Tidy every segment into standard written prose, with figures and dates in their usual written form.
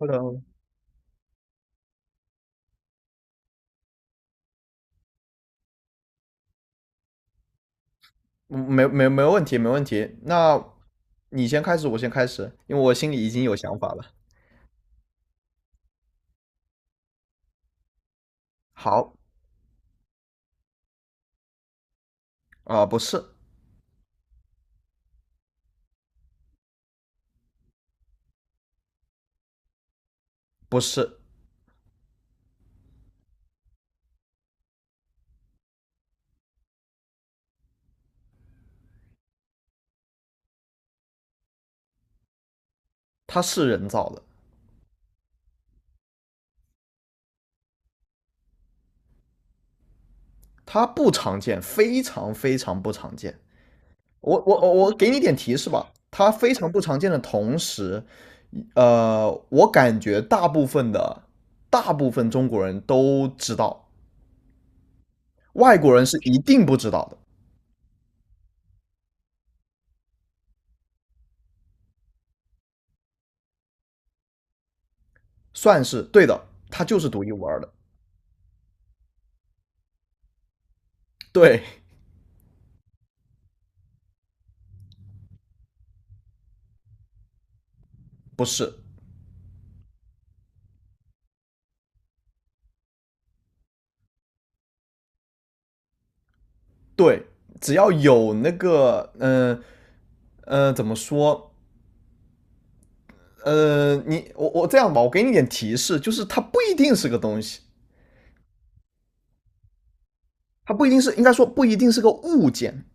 Hello，嗯,没问题，没问题。那你先开始，我先开始，因为我心里已经有想法了。好，不是，不是，它是人造的，它不常见，非常非常不常见。我给你点提示吧，它非常不常见的同时，我感觉大部分中国人都知道，外国人是一定不知道的，算是对的，它就是独一无二的。对，不是。对，只要有那个，嗯,怎么说？我这样吧，我给你点提示，就是它不一定是个东西，它不一定是，应该说不一定是个物件。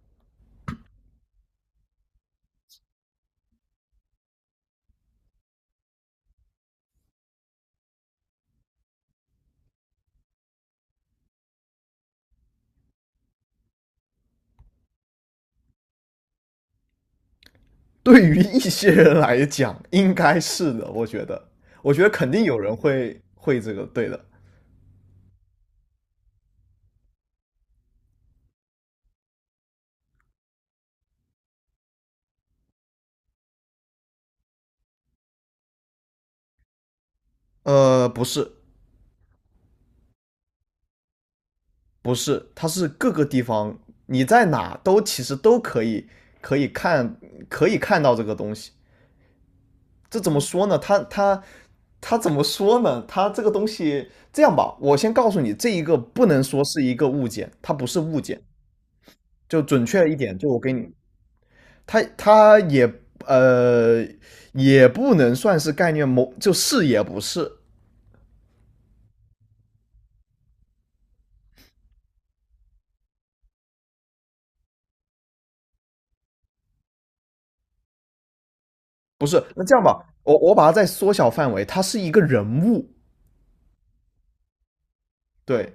对于一些人来讲，应该是的，我觉得，我觉得肯定有人会这个，对的。呃，不是，不是，它是各个地方，你在哪都其实都可以可以看可以看到这个东西。这怎么说呢？他他怎么说呢？他这个东西这样吧，我先告诉你，这一个不能说是一个物件，它不是物件。就准确一点，就我给你，它呃也不能算是概念，某就是也不是，不是。那这样吧，我把它再缩小范围，它是一个人物，对，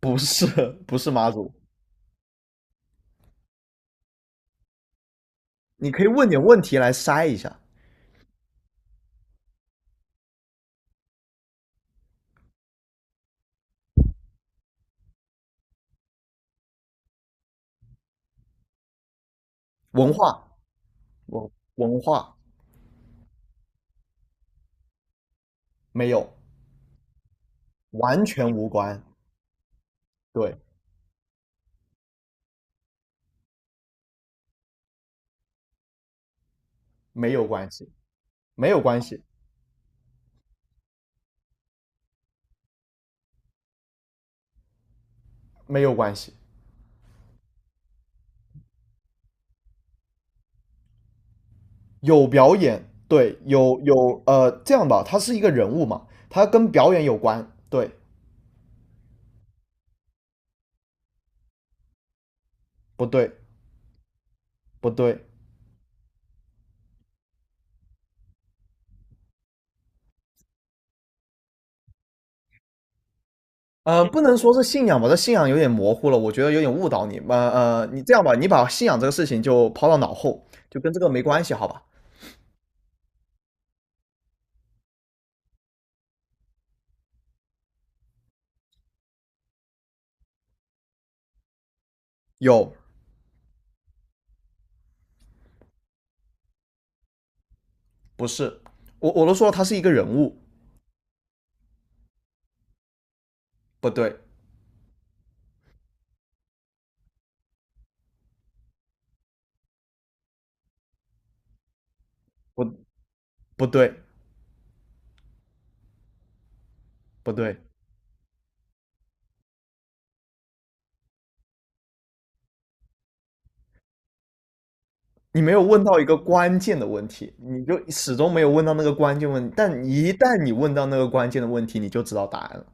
不是 不是妈祖。你可以问点问题来筛一下，文化文文化，没有，完全无关，对。没有关系，没有关系，没有关系。有表演，对，有，这样吧，他是一个人物嘛，他跟表演有关，对，不对？不对，呃，不能说是信仰吧，这信仰有点模糊了，我觉得有点误导你。你这样吧，你把信仰这个事情就抛到脑后，就跟这个没关系，好吧？有，不是，我都说了，他是一个人物，不对，不不对，不对，你没有问到一个关键的问题，你就始终没有问到，那个关键问题。但一旦你问到那个关键的问题。你就知道答案了。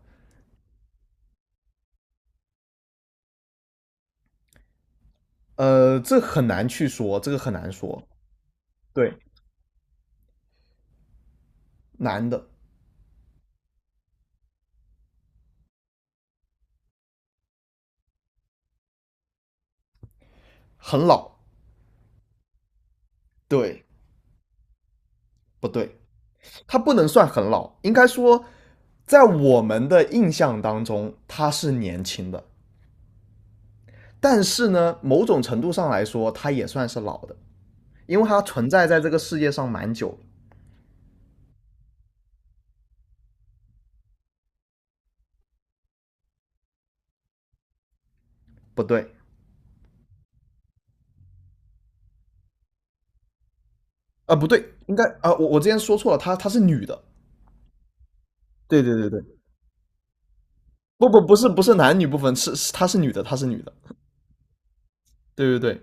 呃，这很难去说，这个很难说。对，男的很老，对不对？他不能算很老，应该说，在我们的印象当中，他是年轻的。但是呢，某种程度上来说，他也算是老的，因为他存在在这个世界上蛮久。不对，不对，应该啊、呃我之前说错了，她是女的，对,对,对,对，不是不是男女不分，是她是女的，她是女的，对,对,对，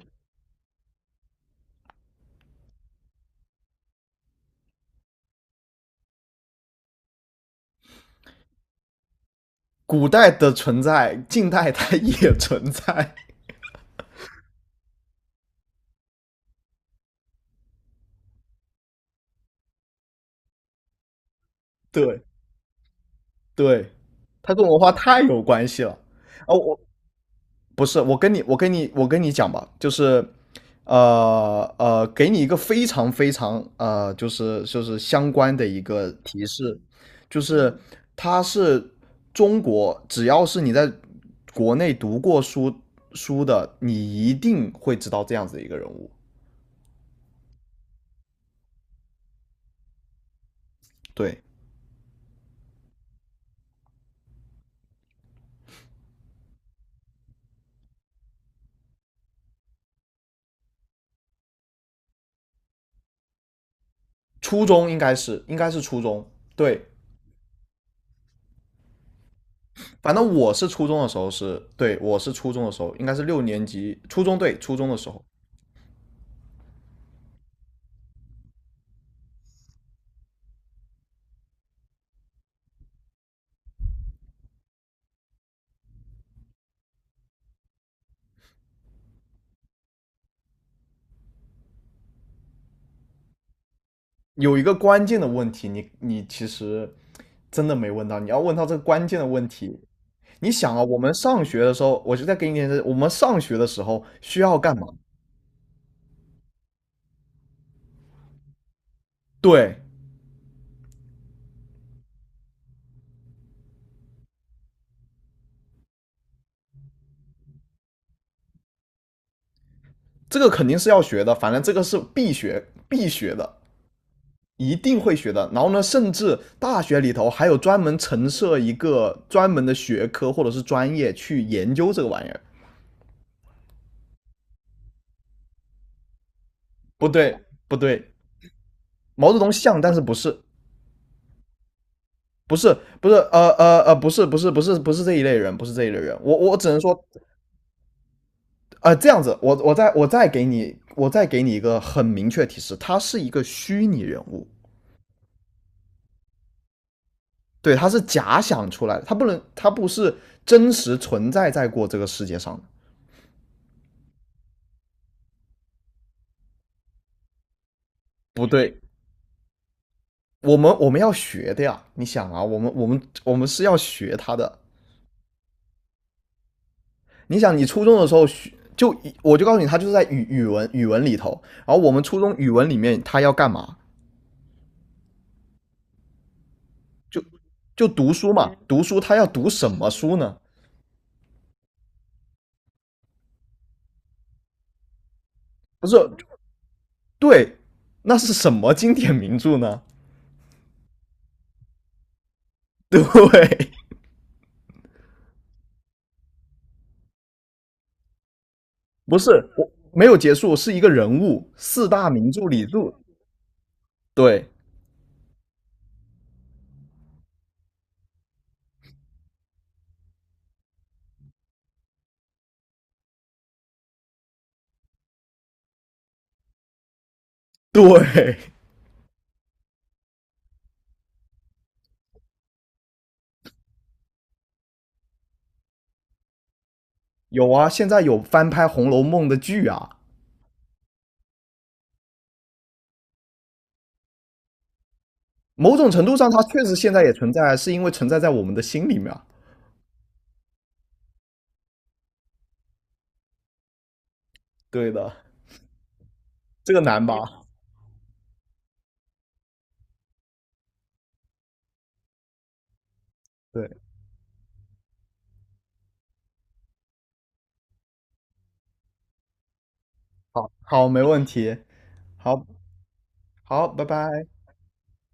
古代的存在，近代它 也存在，对,对，它跟文化太有关系了。哦，我不是，我跟你，我跟你，我跟你讲吧，就是，给你一个非常非常就是相关的一个提示，就是他是中国，只要是你在国内读过书的，你一定会知道这样子的一个人物。对，初中应该是初中，对，反正我是初中的时候是，对，我是初中的时候，应该是六年级，初中，对，初中的时候。有一个关键的问题，你其实真的没问到，你要问到这个关键的问题。你想啊，我们上学的时候，我就在给你点我们上学的时候需要干嘛？对，这个肯定是要学的，反正这个是必学的，一定会学的。然后呢，甚至大学里头还有专门陈设一个专门的学科或者是专业去研究这个玩意儿。不对，不对，毛泽东像，但是不是。不是不是这一类人，不是这一类人。我我只能说，呃这样子，我再给你一个很明确提示，他是一个虚拟人物，对，他是假想出来的，他不是真实存在在过这个世界上的。不对，我们要学的呀，你想啊，我们我们是要学他的。你想，你初中的时候学就我就告诉你，他就是在语文里头，然后我们初中语文里面他要干嘛？就就读书嘛，读书他要读什么书呢？不是，对，那是什么经典名著呢？对，不是，我没有结束，是一个人物，四大名著里著，对,对，有啊，现在有翻拍《红楼梦》的剧啊，某种程度上它确实现在也存在，是因为存在在我们的心里面啊，对的，这个难吧？对，好，好，没问题，好好，拜拜。